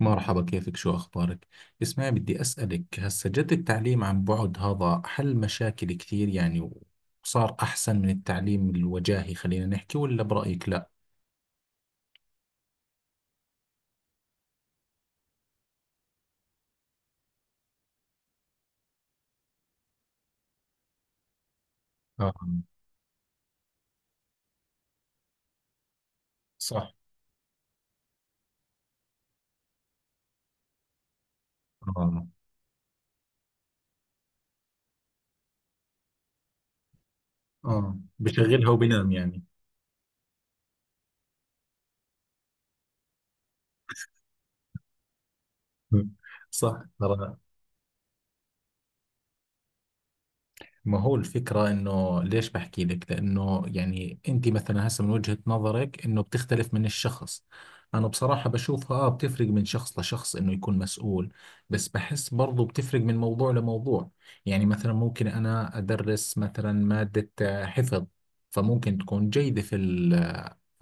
مرحبا، كيفك، شو أخبارك؟ اسمعي، بدي أسألك هسا. جد التعليم عن بعد هذا حل مشاكل كثير، يعني وصار أحسن من التعليم الوجاهي، خلينا نحكي. ولا برأيك لا؟ اه. صح. آه، آه، بشغلها وبنام يعني. صح ترى. ما هو الفكرة إنه ليش بحكي لك؟ لأنه يعني أنت مثلا هسه من وجهة نظرك إنه بتختلف من الشخص. أنا بصراحة بشوفها، بتفرق من شخص لشخص، إنه يكون مسؤول. بس بحس برضو بتفرق من موضوع لموضوع. يعني مثلا ممكن أنا أدرس مثلا مادة حفظ، فممكن تكون جيدة في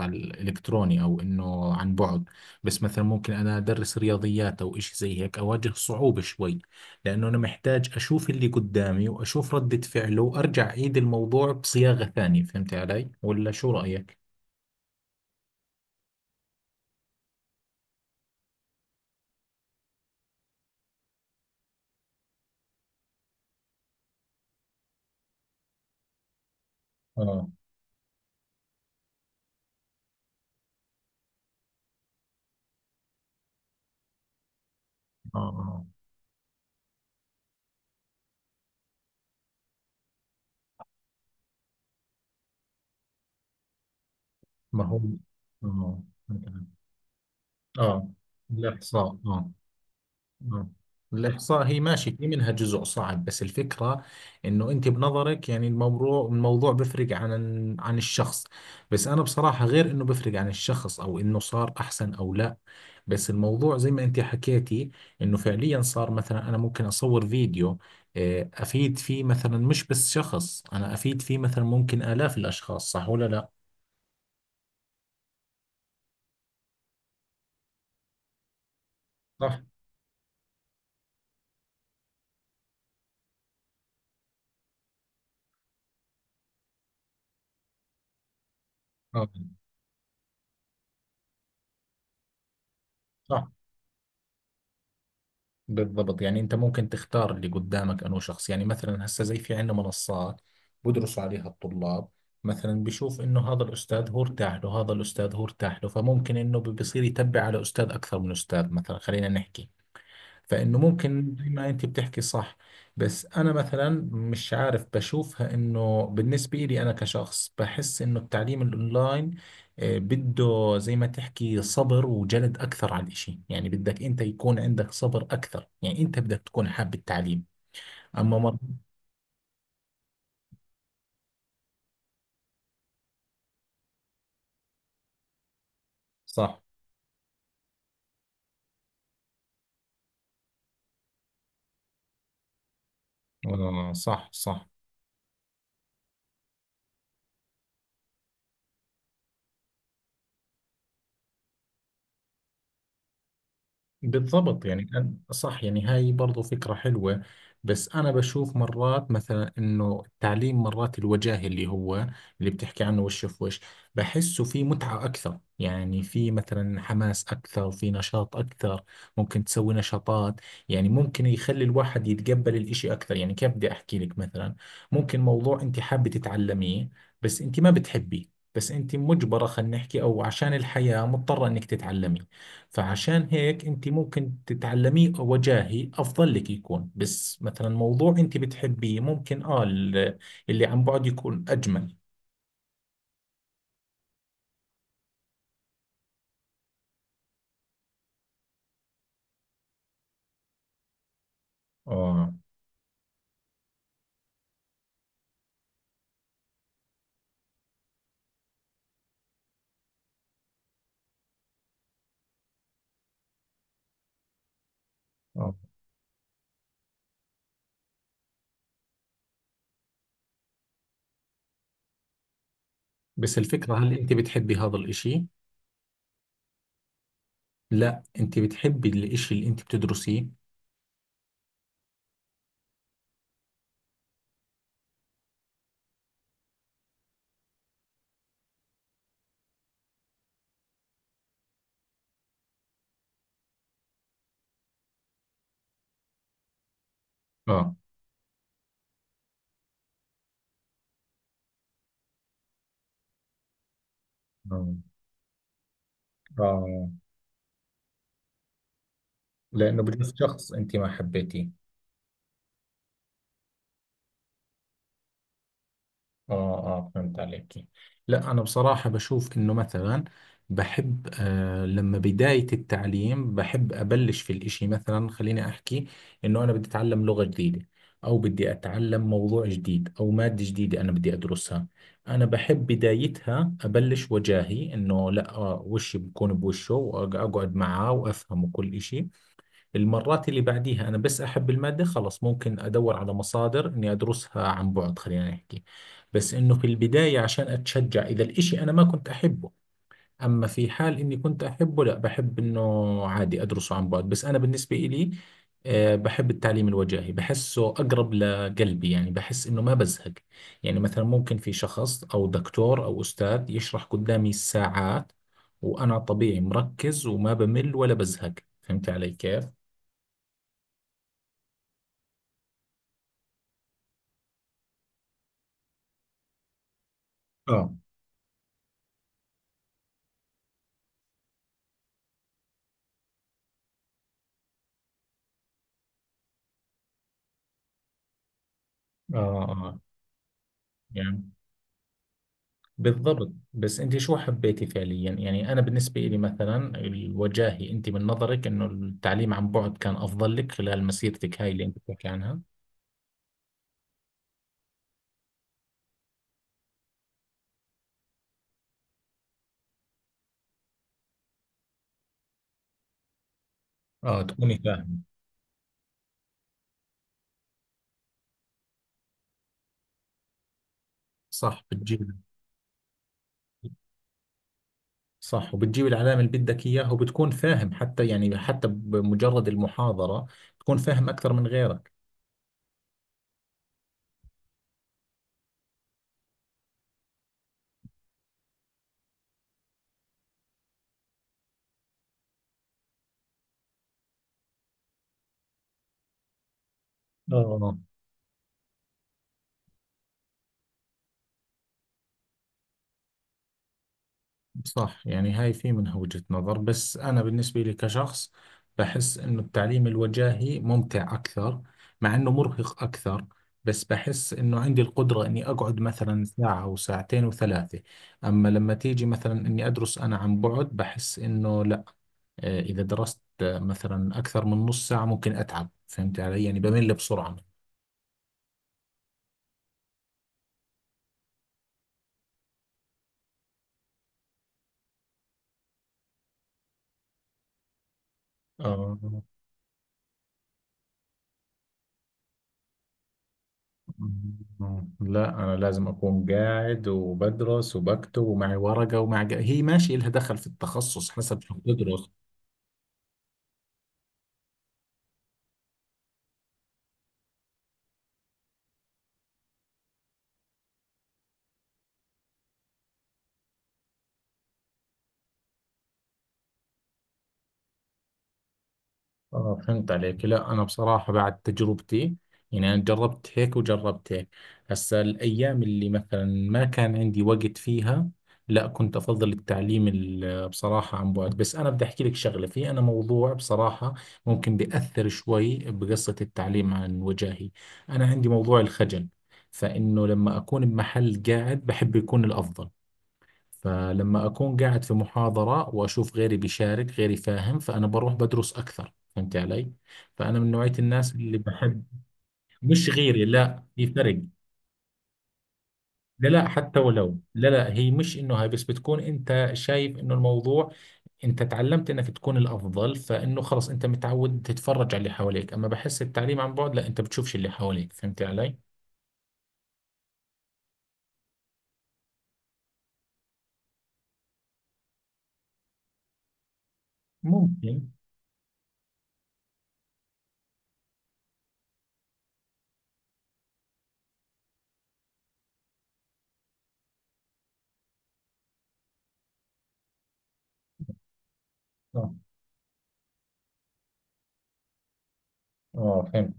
على الإلكتروني، أو إنه عن بعد. بس مثلا ممكن أنا أدرس رياضيات أو إشي زي هيك، أواجه صعوبة شوي. لأنه أنا محتاج أشوف اللي قدامي وأشوف ردة فعله وأرجع أعيد الموضوع بصياغة ثانية. فهمت علي؟ ولا شو رأيك؟ اه. آه، آه. ما هو. آه، آه. الإحصاء. آه، آه. الإحصاء هي ماشي، في منها جزء صعب، بس الفكرة إنه أنت بنظرك يعني الموضوع الموضوع بفرق عن الشخص. بس أنا بصراحة، غير إنه بفرق عن الشخص أو إنه صار أحسن أو لا، بس الموضوع زي ما أنت حكيتي، إنه فعليا صار مثلا أنا ممكن أصور فيديو، أفيد فيه مثلا مش بس شخص، أنا أفيد فيه مثلا ممكن آلاف الأشخاص. صح ولا لا؟ صح. آه. صح. بالضبط، يعني انت ممكن تختار اللي قدامك انه شخص. يعني مثلا هسه زي في عندنا منصات بدرسوا عليها الطلاب. مثلا بشوف انه هذا الاستاذ هو ارتاح له، هذا الاستاذ هو ارتاح له، فممكن انه بصير يتبع على استاذ اكثر من استاذ مثلا، خلينا نحكي. فانه ممكن زي ما انت بتحكي، صح. بس انا مثلا مش عارف، بشوفها انه بالنسبه لي انا كشخص بحس انه التعليم الاونلاين، بده زي ما تحكي صبر وجلد اكثر على الاشي. يعني بدك انت يكون عندك صبر اكثر. يعني انت بدك تكون حاب التعليم، اما مر... صح. صح، صح. بالضبط، يعني صح، يعني هاي برضو فكرة حلوة. بس أنا بشوف مرات مثلا إنه التعليم مرات الوجاهي اللي هو اللي بتحكي عنه، وش في وش، بحسه في متعة أكثر. يعني في مثلا حماس أكثر، في نشاط أكثر، ممكن تسوي نشاطات، يعني ممكن يخلي الواحد يتقبل الإشي أكثر. يعني كيف بدي أحكي لك؟ مثلا ممكن موضوع أنت حابة تتعلميه بس أنت ما بتحبيه، بس أنت مجبرة، خلينا نحكي، أو عشان الحياة مضطرة إنك تتعلمي. فعشان هيك انت ممكن تتعلميه وجاهي افضل لك يكون، بس مثلا موضوع انت بتحبيه، ممكن اللي عن بعد يكون اجمل. اه، اه. بس الفكرة، هل انت بتحبي هذا الاشي؟ لا، انت بتحبي الاشي اللي انت بتدرسيه؟ اه، اه، اه. لانه بدرس شخص انت ما حبيتيه. اه، اه، فهمت عليك. لا، انا بصراحة بشوف انه مثلا بحب، لما بداية التعليم بحب ابلش في الاشي. مثلا خليني احكي، انه انا بدي اتعلم لغة جديدة، او بدي اتعلم موضوع جديد او مادة جديدة انا بدي ادرسها. انا بحب بدايتها ابلش وجاهي، انه لا، وشي بكون بوشه، واقعد معاه وافهمه كل اشي. المرات اللي بعديها أنا بس أحب المادة خلص، ممكن أدور على مصادر إني أدرسها عن بعد، خلينا نحكي. بس إنه في البداية عشان أتشجع إذا الإشي أنا ما كنت أحبه. أما في حال إني كنت أحبه، لا، بحب إنه عادي أدرسه عن بعد. بس أنا بالنسبة إلي، بحب التعليم الوجاهي، بحسه أقرب لقلبي. يعني بحس إنه ما بزهق. يعني مثلا ممكن في شخص أو دكتور أو أستاذ يشرح قدامي ساعات وأنا طبيعي مركز وما بمل ولا بزهق. فهمت علي كيف؟ آه، آه. يعني بالضبط، بس أنت شو حبيتي فعليا؟ يعني أنا بالنسبة لي مثلا الوجاهي، أنت من نظرك إنه التعليم عن بعد كان أفضل لك خلال مسيرتك هاي اللي أنت بتحكي عنها. آه، تكوني فاهم. صح، بتجيب. صح، وبتجيب العلامة اللي بدك إياها، وبتكون فاهم حتى، يعني حتى بمجرد المحاضرة تكون فاهم أكثر من غيرك. آه. صح. يعني هاي في منها وجهة نظر، بس أنا بالنسبة لي كشخص بحس إنه التعليم الوجاهي ممتع أكثر، مع إنه مرهق أكثر. بس بحس إنه عندي القدرة إني أقعد مثلا ساعة وساعتين وثلاثة. أما لما تيجي مثلا إني أدرس أنا عن بعد، بحس إنه لا، إذا درست مثلا أكثر من نص ساعة ممكن أتعب. فهمت علي؟ يعني بمل بسرعة. آه. مم. لا، أنا لازم أكون قاعد وبدرس وبكتب ومعي ورقة ومعي هي ماشي، إلها دخل في التخصص حسب شو بتدرس. فهمت عليك. لا، أنا بصراحة بعد تجربتي، يعني أنا جربت هيك وجربت هيك، هسا الأيام اللي مثلا ما كان عندي وقت فيها، لا، كنت أفضل التعليم بصراحة عن بعد. بس أنا بدي أحكي لك شغلة، في أنا موضوع بصراحة ممكن بيأثر شوي بقصة التعليم عن وجاهي. أنا عندي موضوع الخجل، فإنه لما أكون بمحل قاعد بحب يكون الأفضل. فلما أكون قاعد في محاضرة وأشوف غيري بيشارك، غيري فاهم، فأنا بروح بدرس أكثر. فهمت علي؟ فأنا من نوعية الناس اللي بحب. مش غيري، لا، في فرق. لا، لا، حتى ولو، لا، لا، هي مش إنه، هاي بس بتكون أنت شايف إنه الموضوع، أنت تعلمت إنك تكون الأفضل، فإنه خلص أنت متعود تتفرج على اللي حواليك. أما بحس التعليم عن بعد لا، أنت بتشوفش اللي حواليك. فهمت علي؟ ممكن. اه، اه، فهمت.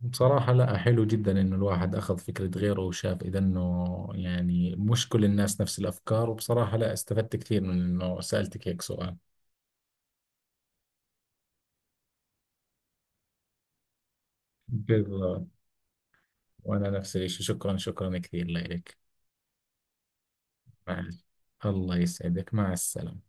بصراحة لا، حلو جدا إنه الواحد أخذ فكرة غيره، وشاف إذا إنه يعني مش كل الناس نفس الأفكار. وبصراحة لا، استفدت كثير من إنه سألتك هيك سؤال. بالضبط. وأنا نفس الشيء، شكرا، شكرا كثير لك. مع- الله يسعدك، مع السلامة.